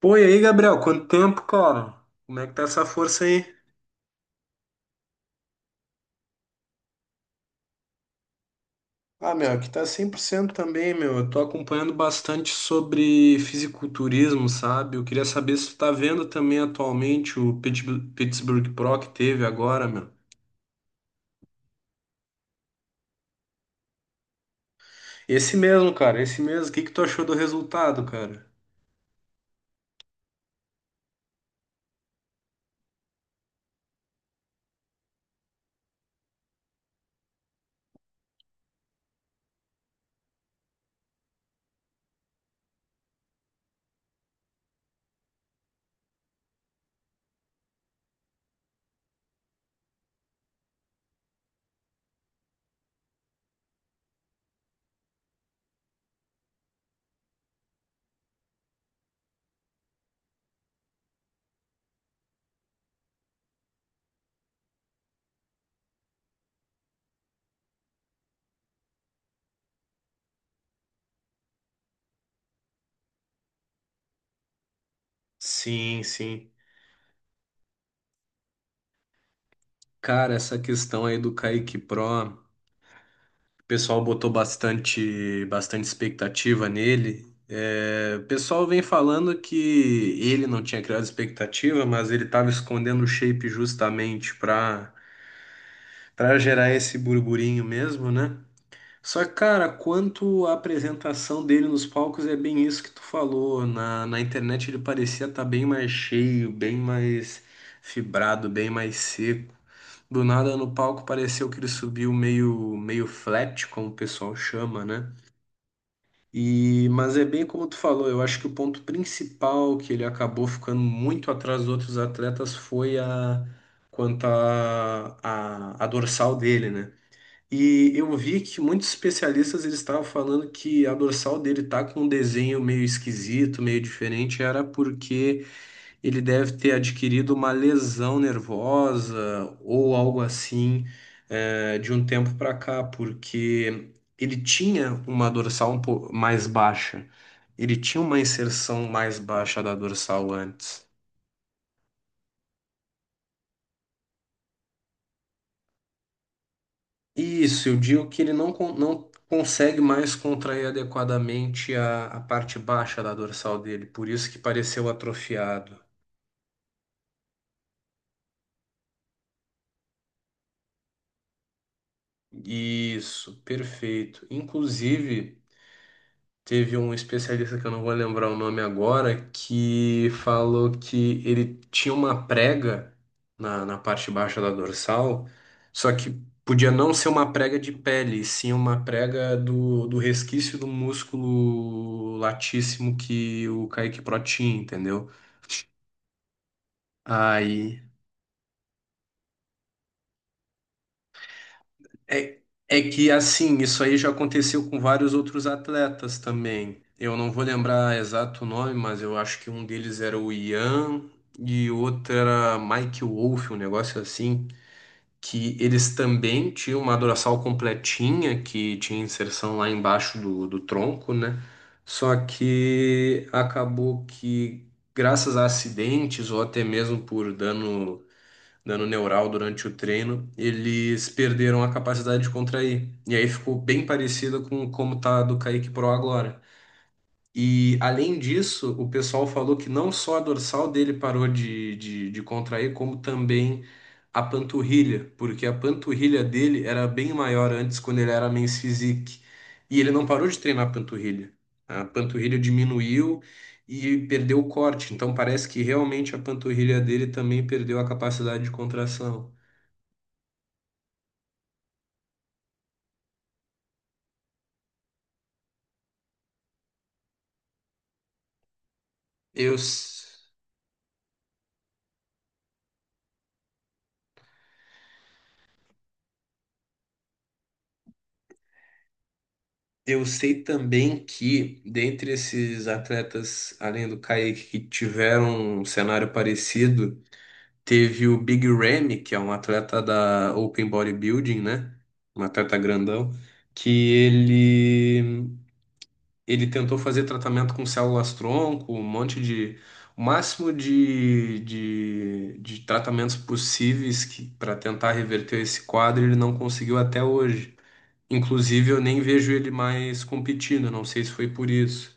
Pô, e aí, Gabriel, quanto tempo, cara? Como é que tá essa força aí? Ah, meu, aqui tá 100% também, meu. Eu tô acompanhando bastante sobre fisiculturismo, sabe? Eu queria saber se tu tá vendo também atualmente o Pittsburgh Pro que teve agora, meu. Esse mesmo, cara, esse mesmo. O que que tu achou do resultado, cara? Sim, sim. Cara, essa questão aí do Kaique Pro. O pessoal botou bastante, bastante expectativa nele. É, o pessoal vem falando que ele não tinha criado expectativa, mas ele estava escondendo o shape justamente para gerar esse burburinho mesmo, né? Só que, cara, quanto à apresentação dele nos palcos, é bem isso que tu falou. Na internet ele parecia estar bem mais cheio, bem mais fibrado, bem mais seco. Do nada no palco pareceu que ele subiu meio flat, como o pessoal chama, né? E, mas é bem como tu falou, eu acho que o ponto principal que ele acabou ficando muito atrás dos outros atletas foi a quanto à a dorsal dele, né? E eu vi que muitos especialistas eles estavam falando que a dorsal dele tá com um desenho meio esquisito, meio diferente, era porque ele deve ter adquirido uma lesão nervosa ou algo assim, de um tempo para cá, porque ele tinha uma dorsal um pouco mais baixa. Ele tinha uma inserção mais baixa da dorsal antes. Isso, eu digo que ele não consegue mais contrair adequadamente a parte baixa da dorsal dele, por isso que pareceu atrofiado. Isso, perfeito. Inclusive. Teve um especialista que eu não vou lembrar o nome agora, que falou que ele tinha uma prega na parte baixa da dorsal, só que podia não ser uma prega de pele, e sim uma prega do resquício do músculo latíssimo que o Kaique Pro tinha, entendeu? Aí É, é que assim, isso aí já aconteceu com vários outros atletas também. Eu não vou lembrar exato o nome, mas eu acho que um deles era o Ian e o outro era Mike Wolff, um negócio assim, que eles também tinham uma dorsal completinha que tinha inserção lá embaixo do tronco, né? Só que acabou que, graças a acidentes ou até mesmo por dano neural durante o treino, eles perderam a capacidade de contrair. E aí ficou bem parecido com como tá a do Kaique Pro agora. E além disso, o pessoal falou que não só a dorsal dele parou de contrair, como também a panturrilha, porque a panturrilha dele era bem maior antes, quando ele era Men's Physique. E ele não parou de treinar a panturrilha. A panturrilha diminuiu e perdeu o corte. Então parece que realmente a panturrilha dele também perdeu a capacidade de contração. Eu. Eu sei também que, dentre esses atletas, além do Kaique, que tiveram um cenário parecido, teve o Big Ramy, que é um atleta da Open Bodybuilding, né? Um atleta grandão, que ele tentou fazer tratamento com células-tronco, um monte de. O máximo de tratamentos possíveis para tentar reverter esse quadro, ele não conseguiu até hoje. Inclusive, eu nem vejo ele mais competindo, não sei se foi por isso.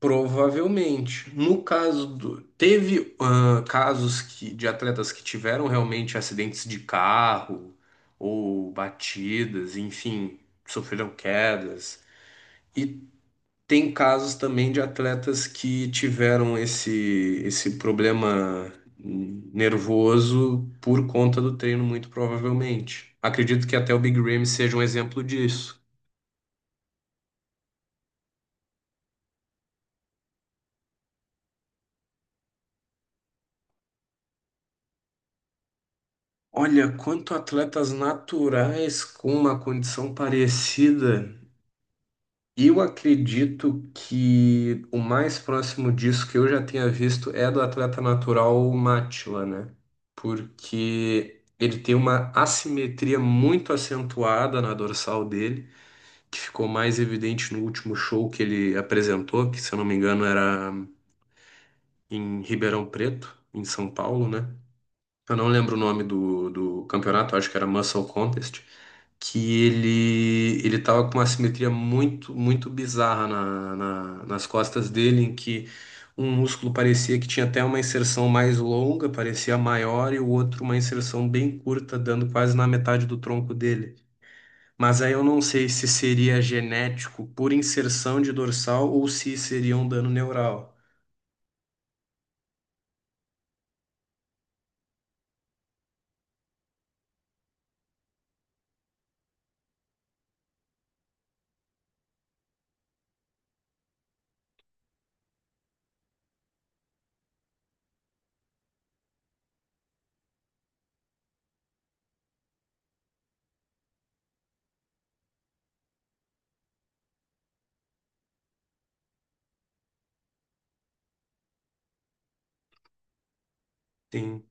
Provavelmente. No caso do. Teve casos que, de atletas que tiveram realmente acidentes de carro ou batidas, enfim, sofreram quedas. E tem casos também de atletas que tiveram esse problema nervoso por conta do treino, muito provavelmente. Acredito que até o Big Ramy seja um exemplo disso. Olha, quanto atletas naturais com uma condição parecida, eu acredito que o mais próximo disso que eu já tenha visto é do atleta natural Mátila, né? Porque ele tem uma assimetria muito acentuada na dorsal dele, que ficou mais evidente no último show que ele apresentou, que se eu não me engano era em Ribeirão Preto, em São Paulo, né? Eu não lembro o nome do campeonato, acho que era Muscle Contest. Que ele tava com uma simetria muito muito bizarra nas costas dele, em que um músculo parecia que tinha até uma inserção mais longa, parecia maior, e o outro uma inserção bem curta, dando quase na metade do tronco dele. Mas aí eu não sei se seria genético por inserção de dorsal ou se seria um dano neural. Sim,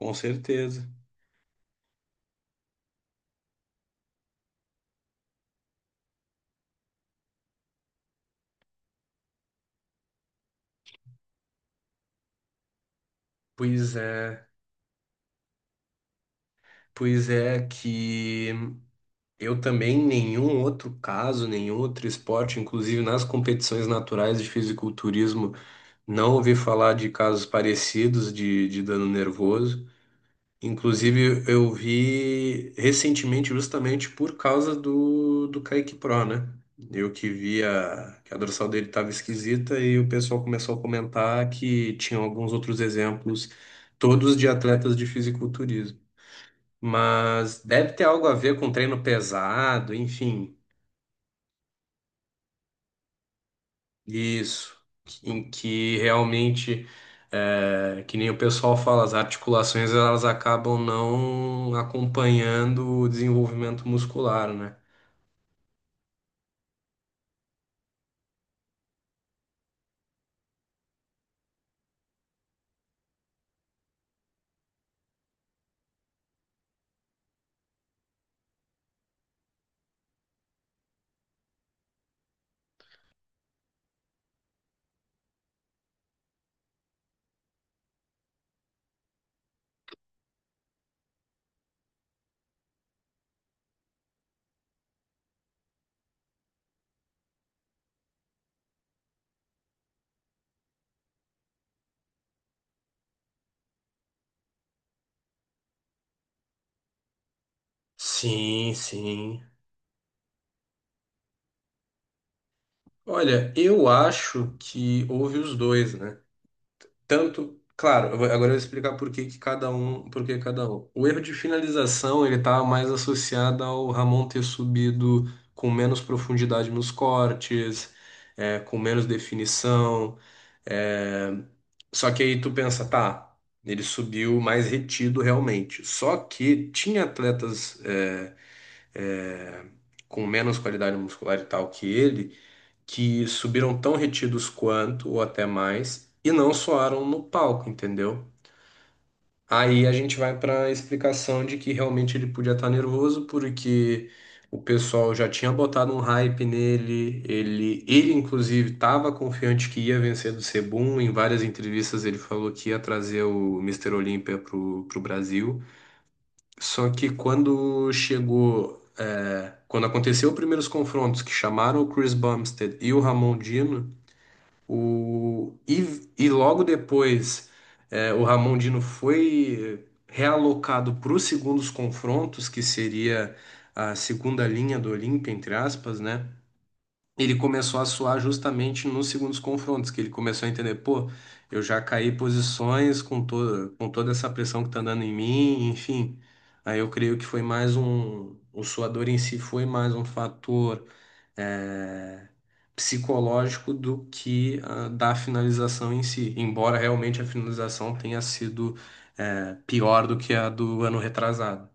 com certeza. Pois é, pois é que Eu também, nenhum outro caso, nenhum outro esporte, inclusive nas competições naturais de fisiculturismo, não ouvi falar de casos parecidos de dano nervoso. Inclusive, eu vi recentemente, justamente por causa do Kaique Pro, né? Eu que via que a dorsal dele estava esquisita e o pessoal começou a comentar que tinham alguns outros exemplos, todos de atletas de fisiculturismo. Mas deve ter algo a ver com treino pesado, enfim. Isso, em que realmente, que nem o pessoal fala, as articulações elas acabam não acompanhando o desenvolvimento muscular, né? Sim, sim. Olha, eu acho que houve os dois, né? Tanto, claro, agora eu vou explicar por que que cada um, por que cada um. O erro de finalização, ele estava mais associado ao Ramon ter subido com menos profundidade nos cortes, com menos definição. É, Só que aí tu pensa, tá, ele subiu mais retido realmente. Só que tinha atletas é, com menos qualidade muscular e tal que subiram tão retidos quanto, ou até mais, e não soaram no palco, entendeu? Aí a gente vai para a explicação de que realmente ele podia estar nervoso porque o pessoal já tinha botado um hype nele, ele inclusive estava confiante que ia vencer do Sebum, em várias entrevistas ele falou que ia trazer o Mister Olímpia pro Brasil. Só que quando chegou, quando aconteceu os primeiros confrontos que chamaram o Chris Bumstead e o Ramon Dino, e logo depois, o Ramon Dino foi realocado para os segundos confrontos, que seria a segunda linha do Olímpia, entre aspas, né? Ele começou a suar justamente nos segundos confrontos, que ele começou a entender, pô, eu já caí posições com toda essa pressão que tá dando em mim, enfim. Aí eu creio que foi mais um, o suador em si foi mais um fator é, psicológico do que da finalização em si, embora realmente a finalização tenha sido pior do que a do ano retrasado.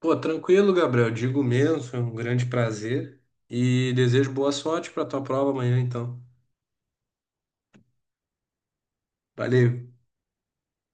Pô, tranquilo, Gabriel. Digo mesmo, foi um grande prazer e desejo boa sorte para tua prova amanhã, então. Valeu.